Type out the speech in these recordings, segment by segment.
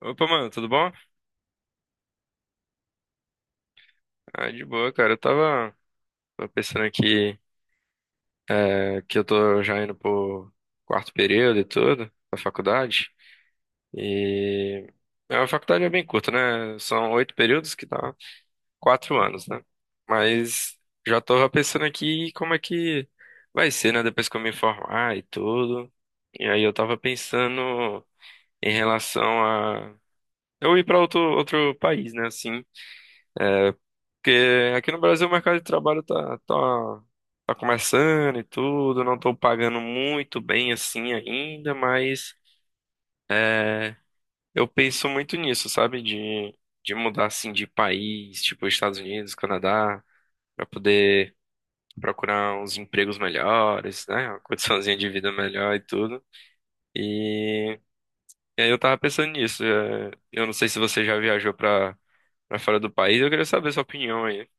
Opa, mano, tudo bom? Ah, de boa, cara. Eu tava pensando aqui que eu tô já indo pro quarto período e tudo, da faculdade. E a faculdade é bem curta, né? São oito períodos, que dá quatro anos, né? Mas já tô pensando aqui como é que vai ser, né? Depois que eu me formar e tudo. E aí eu tava pensando em relação a eu ir pra outro país, né? Assim. Porque aqui no Brasil o mercado de trabalho tá começando e tudo, não tô pagando muito bem assim ainda, mas é, eu penso muito nisso, sabe? De mudar assim de país, tipo Estados Unidos, Canadá, pra poder procurar uns empregos melhores, né? Uma condiçãozinha de vida melhor e tudo. E, e aí eu tava pensando nisso. Eu não sei se você já viajou pra fora do país, eu queria saber sua opinião aí.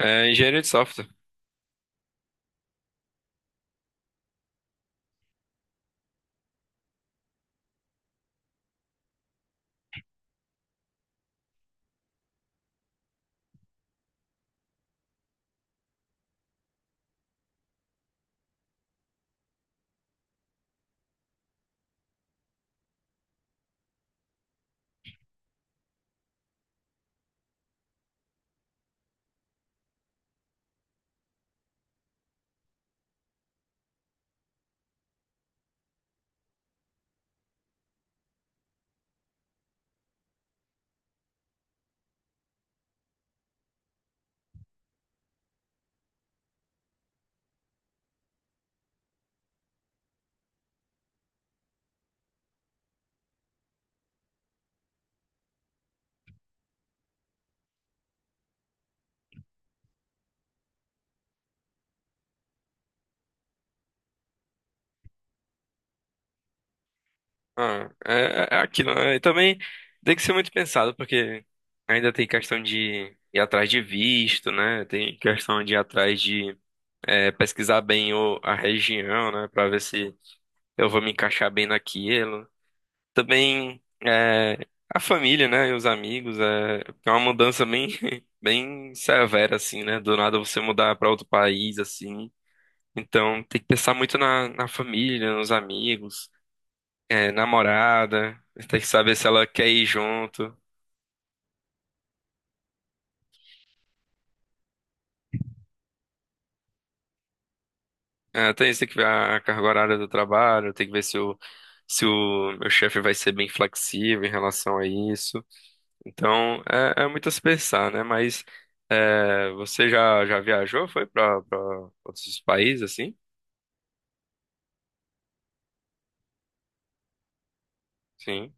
É, engenharia de software. Ah, é aquilo, né? E também tem que ser muito pensado, porque ainda tem questão de ir atrás de visto, né? Tem questão de ir atrás de pesquisar bem a região, né? Pra ver se eu vou me encaixar bem naquilo. Também a família, né? E os amigos. É, é uma mudança bem, bem severa, assim, né? Do nada você mudar pra outro país, assim. Então tem que pensar muito na família, nos amigos namorada, tem que saber se ela quer ir junto. É, tem isso, tem que ver a carga horária do trabalho, tem que ver se se o meu chefe vai ser bem flexível em relação a isso. Então, é muito a se pensar, né? Mas você já viajou? Foi para outros países, assim? Sim,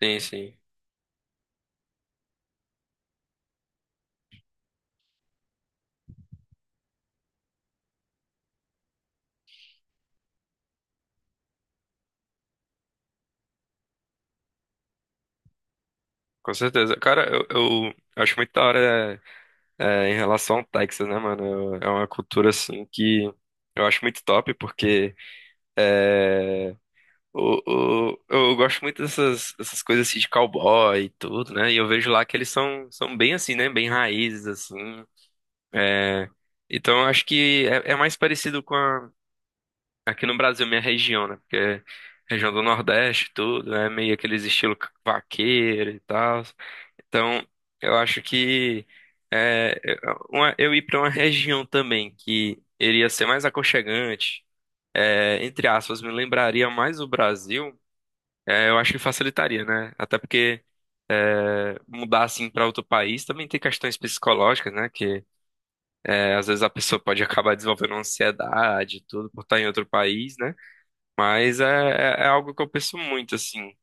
sim, sim. Com certeza. Cara, eu acho muito da hora em relação ao Texas, né, mano? É uma cultura, assim, que eu acho muito top, porque... eu gosto muito dessas, dessas coisas assim de cowboy e tudo, né? E eu vejo lá que eles são bem assim, né? Bem raízes, assim. É, então eu acho que é mais parecido com a, aqui no Brasil, minha região, né? Porque região do Nordeste, e tudo, né? Meio aqueles estilo vaqueiro e tal. Então eu acho que é, é, eu ir para uma região também que iria ser mais aconchegante, é, entre aspas, me lembraria mais o Brasil. É, eu acho que facilitaria, né? Até porque mudar assim para outro país também tem questões psicológicas, né? Que às vezes a pessoa pode acabar desenvolvendo ansiedade e tudo por estar em outro país, né? Mas é algo que eu penso muito, assim,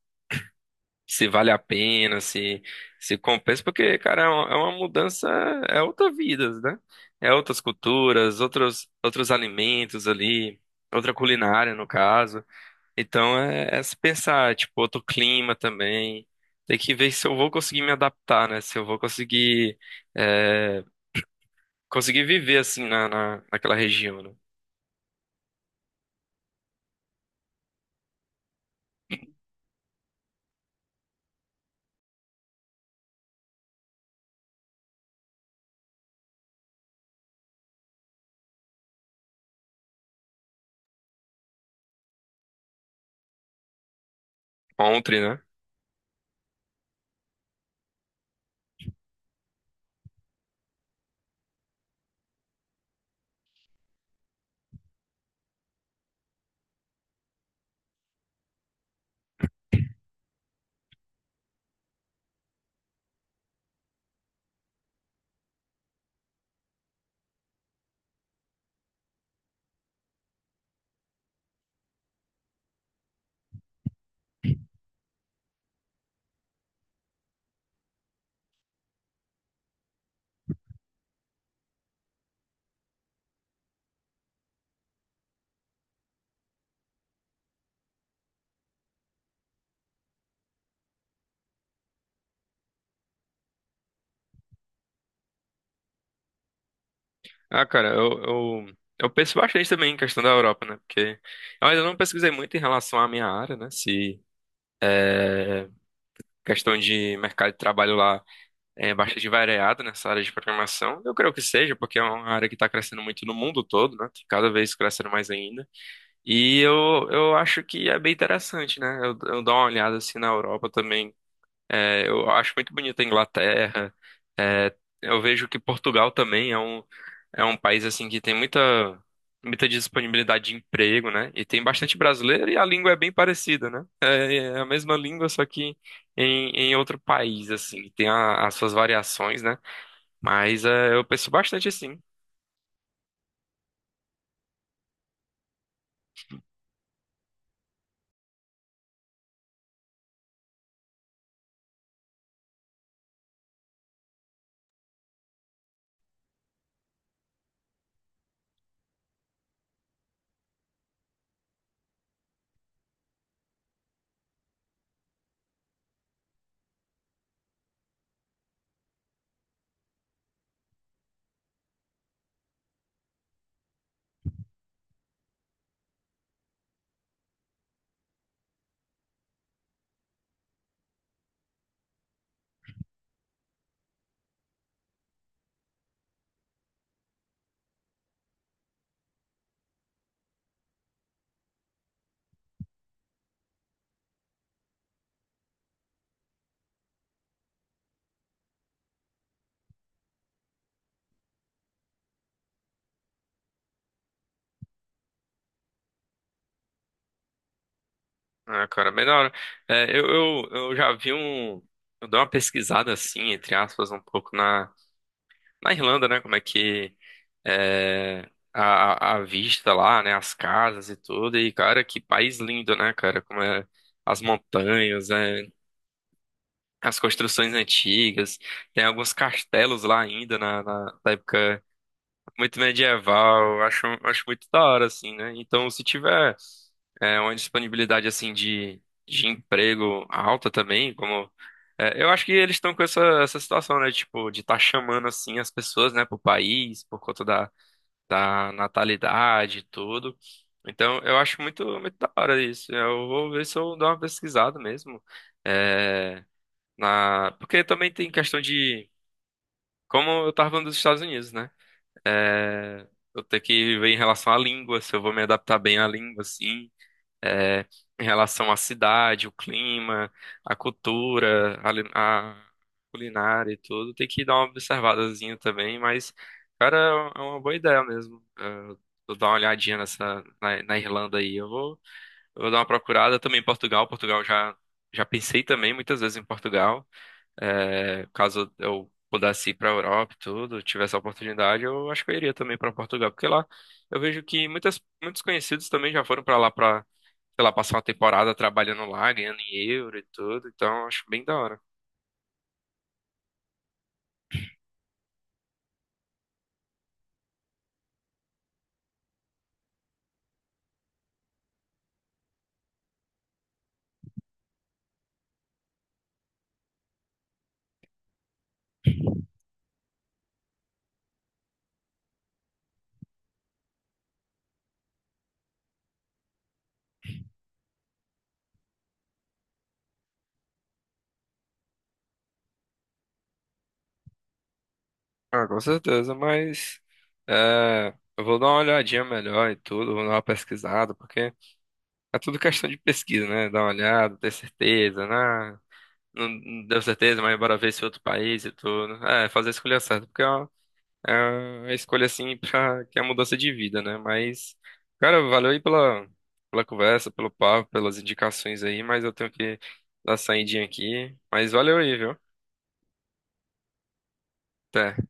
se vale a pena, se compensa, porque, cara, é uma mudança, é outra vida, né? É outras culturas, outros alimentos ali, outra culinária, no caso. Então é se pensar, tipo, outro clima também. Tem que ver se eu vou conseguir me adaptar, né? Se eu vou conseguir, é, conseguir viver assim naquela região, né? Ontem, né? Ah, cara, eu penso bastante também em questão da Europa, né? Porque eu ainda não pesquisei muito em relação à minha área, né? Se questão de mercado de trabalho lá é bastante variada nessa área de programação. Eu creio que seja, porque é uma área que está crescendo muito no mundo todo, né? Cada vez crescendo mais ainda. E eu acho que é bem interessante, né? Eu dou uma olhada assim na Europa também. É, eu acho muito bonita a Inglaterra. É, eu vejo que Portugal também é é um país assim que tem muita disponibilidade de emprego, né? E tem bastante brasileiro e a língua é bem parecida, né? É a mesma língua, só que em outro país, assim. Tem as suas variações, né? Mas é, eu penso bastante assim. Ah, cara, bem da hora. É, eu já vi um. Eu dei uma pesquisada assim, entre aspas, um pouco na Irlanda, né? Como é que é a vista lá, né? As casas e tudo. E, cara, que país lindo, né, cara? Como é as montanhas, é, as construções antigas. Tem alguns castelos lá ainda da época muito medieval. Acho muito da hora, assim, né? Então, se tiver. É uma disponibilidade assim de emprego alta também, como eu acho que eles estão com essa situação, né? Tipo, de estar tá chamando assim as pessoas, né, pro país, por conta da natalidade e tudo. Então, eu acho muito da hora isso. Eu vou ver se eu dou uma pesquisada mesmo. É, na... Porque também tem questão de. Como eu tava falando dos Estados Unidos, né? É, eu tenho que ver em relação à língua, se eu vou me adaptar bem à língua, assim é, em relação à cidade, o clima, a cultura, a culinária e tudo. Tem que dar uma observadazinha também, mas, cara, é é uma boa ideia mesmo. É, vou dar uma olhadinha nessa, na Irlanda aí. Eu vou dar uma procurada também em Portugal. Já pensei também muitas vezes em Portugal. É, caso eu pudesse ir para a Europa e tudo, tivesse a oportunidade, eu acho que eu iria também para Portugal, porque lá eu vejo que muitos conhecidos também já foram para lá para, sei lá, passar uma temporada trabalhando lá, ganhando em euro e tudo, então eu acho bem da hora. Ah, com certeza, mas é, eu vou dar uma olhadinha melhor e tudo, vou dar uma pesquisada, porque é tudo questão de pesquisa, né? Dar uma olhada, ter certeza, né? Não deu certeza, mas bora ver esse outro país e tudo. É, fazer a escolha certa, porque é uma. É a escolha assim para que é a mudança de vida, né? Mas, cara, valeu aí pela, pela conversa, pelo papo, pelas indicações aí, mas eu tenho que dar saidinha aqui. Mas valeu aí, viu? Até.